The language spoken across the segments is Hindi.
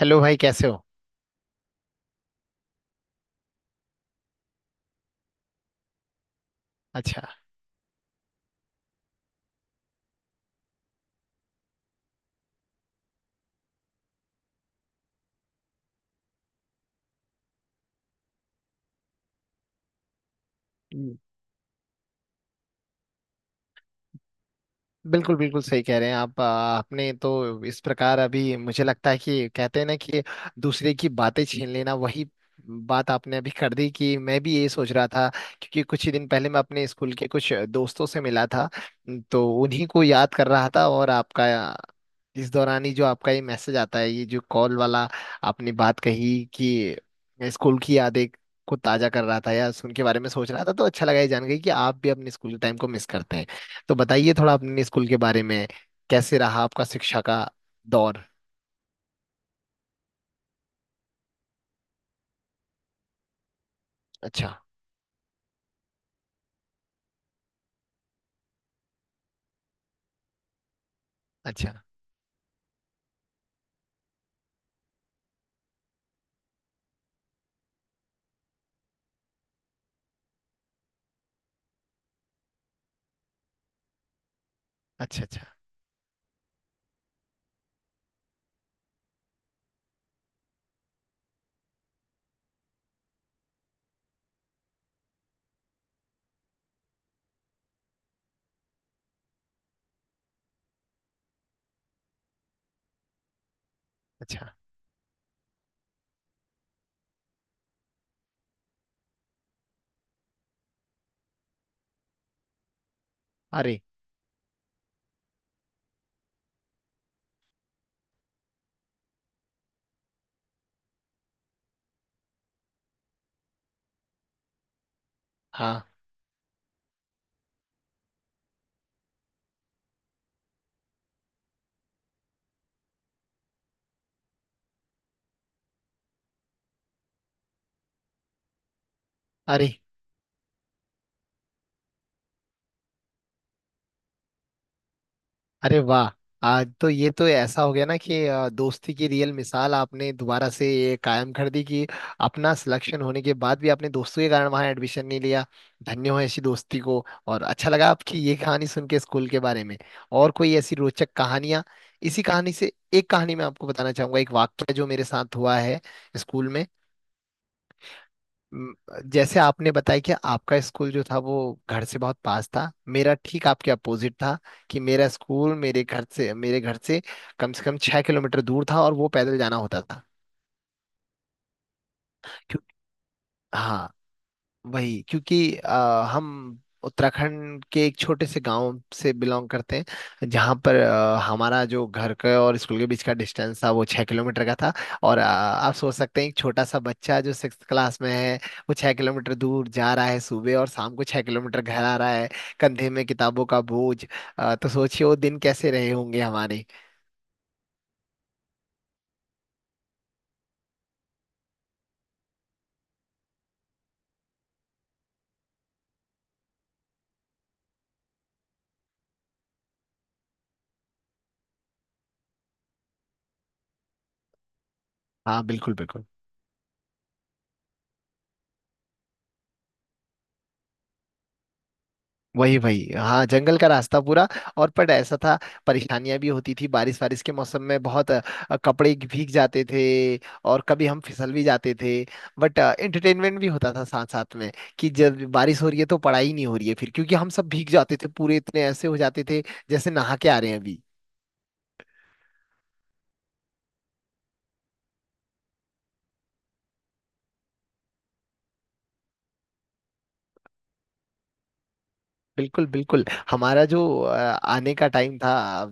हेलो भाई, कैसे हो। अच्छा, बिल्कुल बिल्कुल सही कह रहे हैं आप। आपने तो इस प्रकार, अभी मुझे लगता है कि कहते हैं ना कि दूसरे की बातें छीन लेना, वही बात आपने अभी कर दी कि मैं भी ये सोच रहा था, क्योंकि कुछ ही दिन पहले मैं अपने स्कूल के कुछ दोस्तों से मिला था तो उन्हीं को याद कर रहा था। और आपका इस दौरान ही जो आपका ये मैसेज आता है, ये जो कॉल वाला, आपने बात कही कि स्कूल की यादें को ताजा कर रहा था या उनके बारे में सोच रहा था। तो अच्छा लगा ये जान गई कि आप भी अपने स्कूल टाइम को मिस करते हैं। तो बताइए थोड़ा अपने स्कूल के बारे में, कैसे रहा आपका शिक्षा का दौर। अच्छा। अच्छा। अच्छा। अच्छा। अच्छा। अरे। हाँ। अरे। अरे वाह। आज तो ये तो ऐसा हो गया ना कि दोस्ती की रियल मिसाल आपने दोबारा से ये कायम कर दी कि अपना सिलेक्शन होने के बाद भी आपने दोस्तों के कारण वहाँ एडमिशन नहीं लिया। धन्य हो ऐसी दोस्ती को। और अच्छा लगा आपकी ये कहानी सुन के स्कूल के बारे में। और कोई ऐसी रोचक कहानियाँ, इसी कहानी से एक कहानी मैं आपको बताना चाहूंगा, एक वाक्य जो मेरे साथ हुआ है स्कूल में। म, जैसे आपने बताया कि आपका स्कूल जो था वो घर से बहुत पास था, मेरा ठीक आपके अपोजिट था कि मेरा स्कूल मेरे घर से कम से कम 6 किलोमीटर दूर था और वो पैदल जाना होता था। क्यों- हाँ, वही, क्योंकि हम उत्तराखंड के एक छोटे से गांव से बिलोंग करते हैं, जहां पर हमारा जो घर का और स्कूल के बीच का डिस्टेंस था वो 6 किलोमीटर का था। और आप सोच सकते हैं, एक छोटा सा बच्चा जो 6 क्लास में है, वो 6 किलोमीटर दूर जा रहा है सुबह और शाम को 6 किलोमीटर घर आ रहा है, कंधे में किताबों का बोझ। तो सोचिए वो दिन कैसे रहे होंगे हमारे। हाँ बिल्कुल बिल्कुल। वही वही, हाँ, जंगल का रास्ता पूरा। और पर ऐसा था, परेशानियां भी होती थी, बारिश बारिश के मौसम में बहुत कपड़े भीग जाते थे और कभी हम फिसल भी जाते थे। बट एंटरटेनमेंट भी होता था साथ साथ में कि जब बारिश हो रही है तो पढ़ाई नहीं हो रही है, फिर, क्योंकि हम सब भीग जाते थे पूरे, इतने ऐसे हो जाते थे जैसे नहा के आ रहे हैं अभी। बिल्कुल बिल्कुल। हमारा जो आने का टाइम था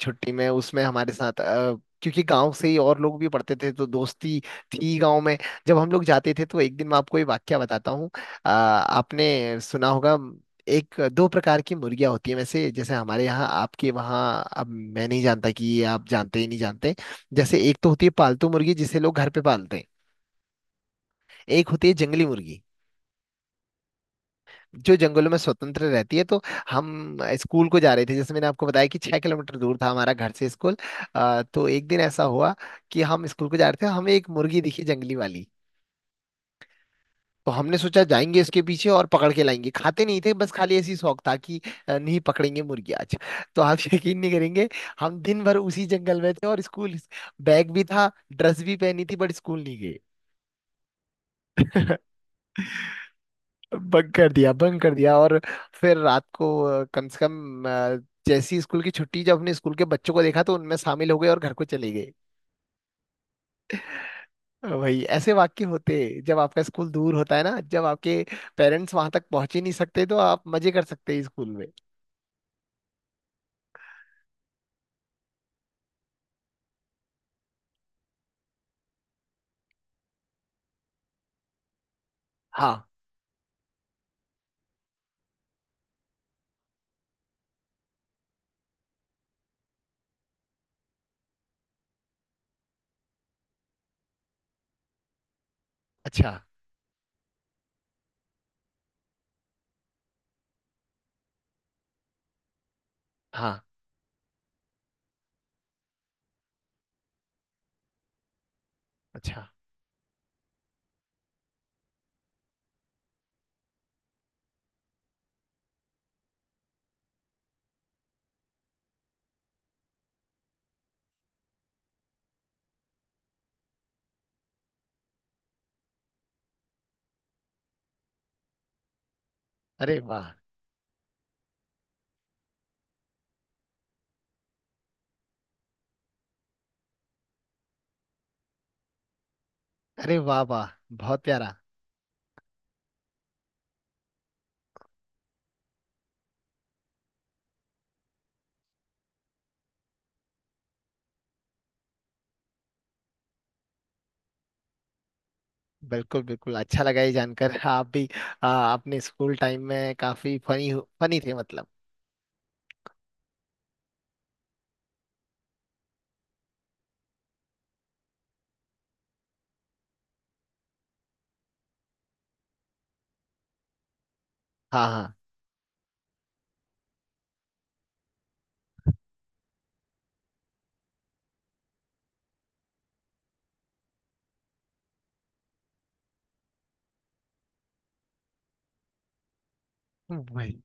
छुट्टी में, उसमें हमारे साथ क्योंकि गांव से ही और लोग भी पढ़ते थे तो दोस्ती थी गांव में। जब हम लोग जाते थे तो एक दिन, मैं आपको ये वाक्य बताता हूँ। आपने सुना होगा, एक दो प्रकार की मुर्गियां होती है वैसे, जैसे हमारे यहाँ आपके वहाँ, अब मैं नहीं जानता कि ये आप जानते ही नहीं जानते। जैसे एक तो होती है पालतू मुर्गी, जिसे लोग घर पे पालते हैं। एक होती है जंगली मुर्गी, जो जंगलों में स्वतंत्र रहती है। तो हम स्कूल को जा रहे थे, जैसे मैंने आपको बताया कि 6 किलोमीटर दूर था हमारा घर से स्कूल। तो एक दिन ऐसा हुआ कि हम स्कूल को जा रहे थे, हमें एक मुर्गी दिखी, जंगली वाली। तो हमने सोचा जाएंगे इसके पीछे और पकड़ के लाएंगे। खाते नहीं थे, बस खाली ऐसी शौक था कि नहीं, पकड़ेंगे मुर्गी आज। तो आप यकीन नहीं करेंगे, हम दिन भर उसी जंगल में थे। और स्कूल बैग भी था, ड्रेस भी पहनी थी, बट स्कूल नहीं गए। बंक कर दिया, बंक कर दिया। और फिर रात को, कम से कम, जैसी स्कूल की छुट्टी, जब अपने स्कूल के बच्चों को देखा तो उनमें शामिल हो गए और घर को चले गए। वही, ऐसे वाक्य होते जब आपका स्कूल दूर होता है ना, जब आपके पेरेंट्स वहां तक पहुंच ही नहीं सकते तो आप मजे कर सकते हैं स्कूल में। हाँ। अच्छा। हाँ। अच्छा। अरे वाह। अरे वाह वाह। बहुत प्यारा। बिल्कुल बिल्कुल, अच्छा लगा ये जानकर आप भी अपने स्कूल टाइम में काफी फनी, फनी थे मतलब। हाँ हाँ, वही।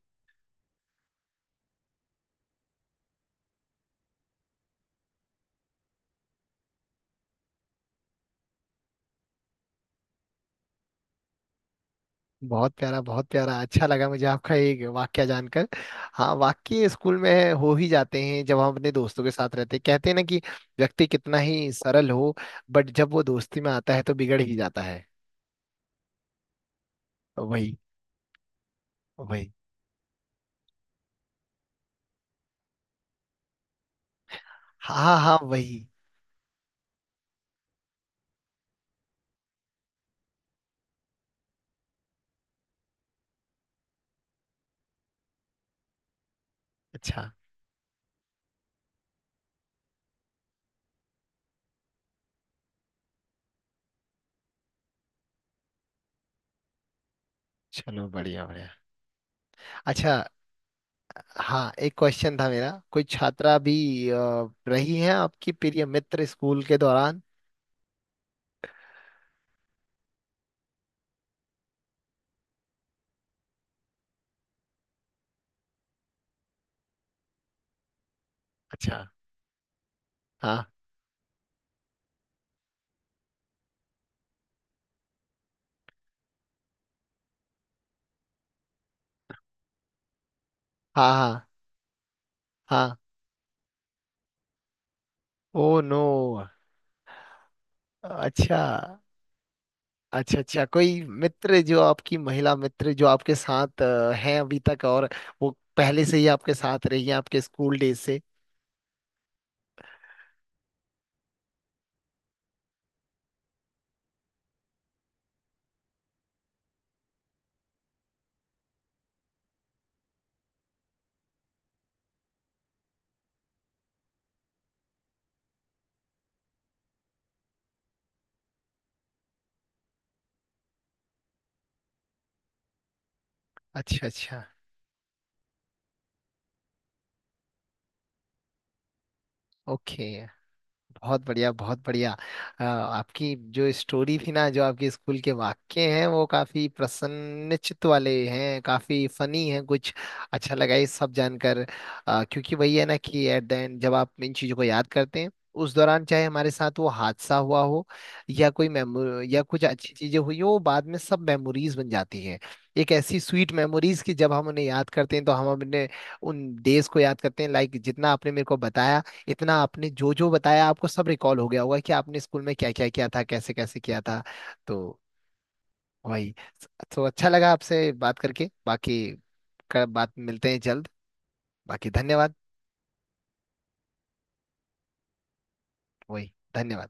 बहुत प्यारा बहुत प्यारा, अच्छा लगा मुझे आपका ये वाक्या जानकर। हाँ, वाक्य स्कूल में हो ही जाते हैं जब हम अपने दोस्तों के साथ रहते हैं। कहते हैं ना कि व्यक्ति कितना ही सरल हो, बट जब वो दोस्ती में आता है तो बिगड़ ही जाता है। वही। वही। हाँ हाँ, वही। अच्छा। चलो, बढ़िया बढ़िया। अच्छा, हाँ, एक क्वेश्चन था मेरा, कोई छात्रा भी रही है आपकी प्रिय मित्र स्कूल के दौरान। अच्छा। हाँ हाँ। हाँ हाँ। Oh no. अच्छा। अच्छा अच्छा, कोई मित्र जो आपकी महिला मित्र जो आपके साथ हैं अभी तक, और वो पहले से ही आपके साथ रही है आपके स्कूल डेज से। अच्छा अच्छा। ओके। बहुत बढ़िया बहुत बढ़िया। आपकी जो स्टोरी थी ना, जो आपके स्कूल के वाक्य हैं, वो काफी प्रसन्नचित्त वाले हैं, काफी फनी हैं कुछ। अच्छा लगा ये सब जानकर। क्योंकि वही है ना कि एट द एंड जब आप इन चीजों को याद करते हैं, उस दौरान चाहे हमारे साथ वो हादसा हुआ हो या कोई मेमो या कुछ अच्छी चीजें हुई हो, वो बाद में सब मेमोरीज बन जाती हैं। एक ऐसी स्वीट मेमोरीज की जब हम उन्हें याद करते हैं तो हम अपने उन डेज को याद करते हैं। लाइक जितना आपने मेरे को बताया, इतना आपने जो जो बताया, आपको सब रिकॉल हो गया होगा कि आपने स्कूल में क्या क्या किया था, कैसे कैसे किया था। तो वही। तो अच्छा लगा आपसे बात करके। बाकी बात, मिलते हैं जल्द। बाकी धन्यवाद। वही, धन्यवाद।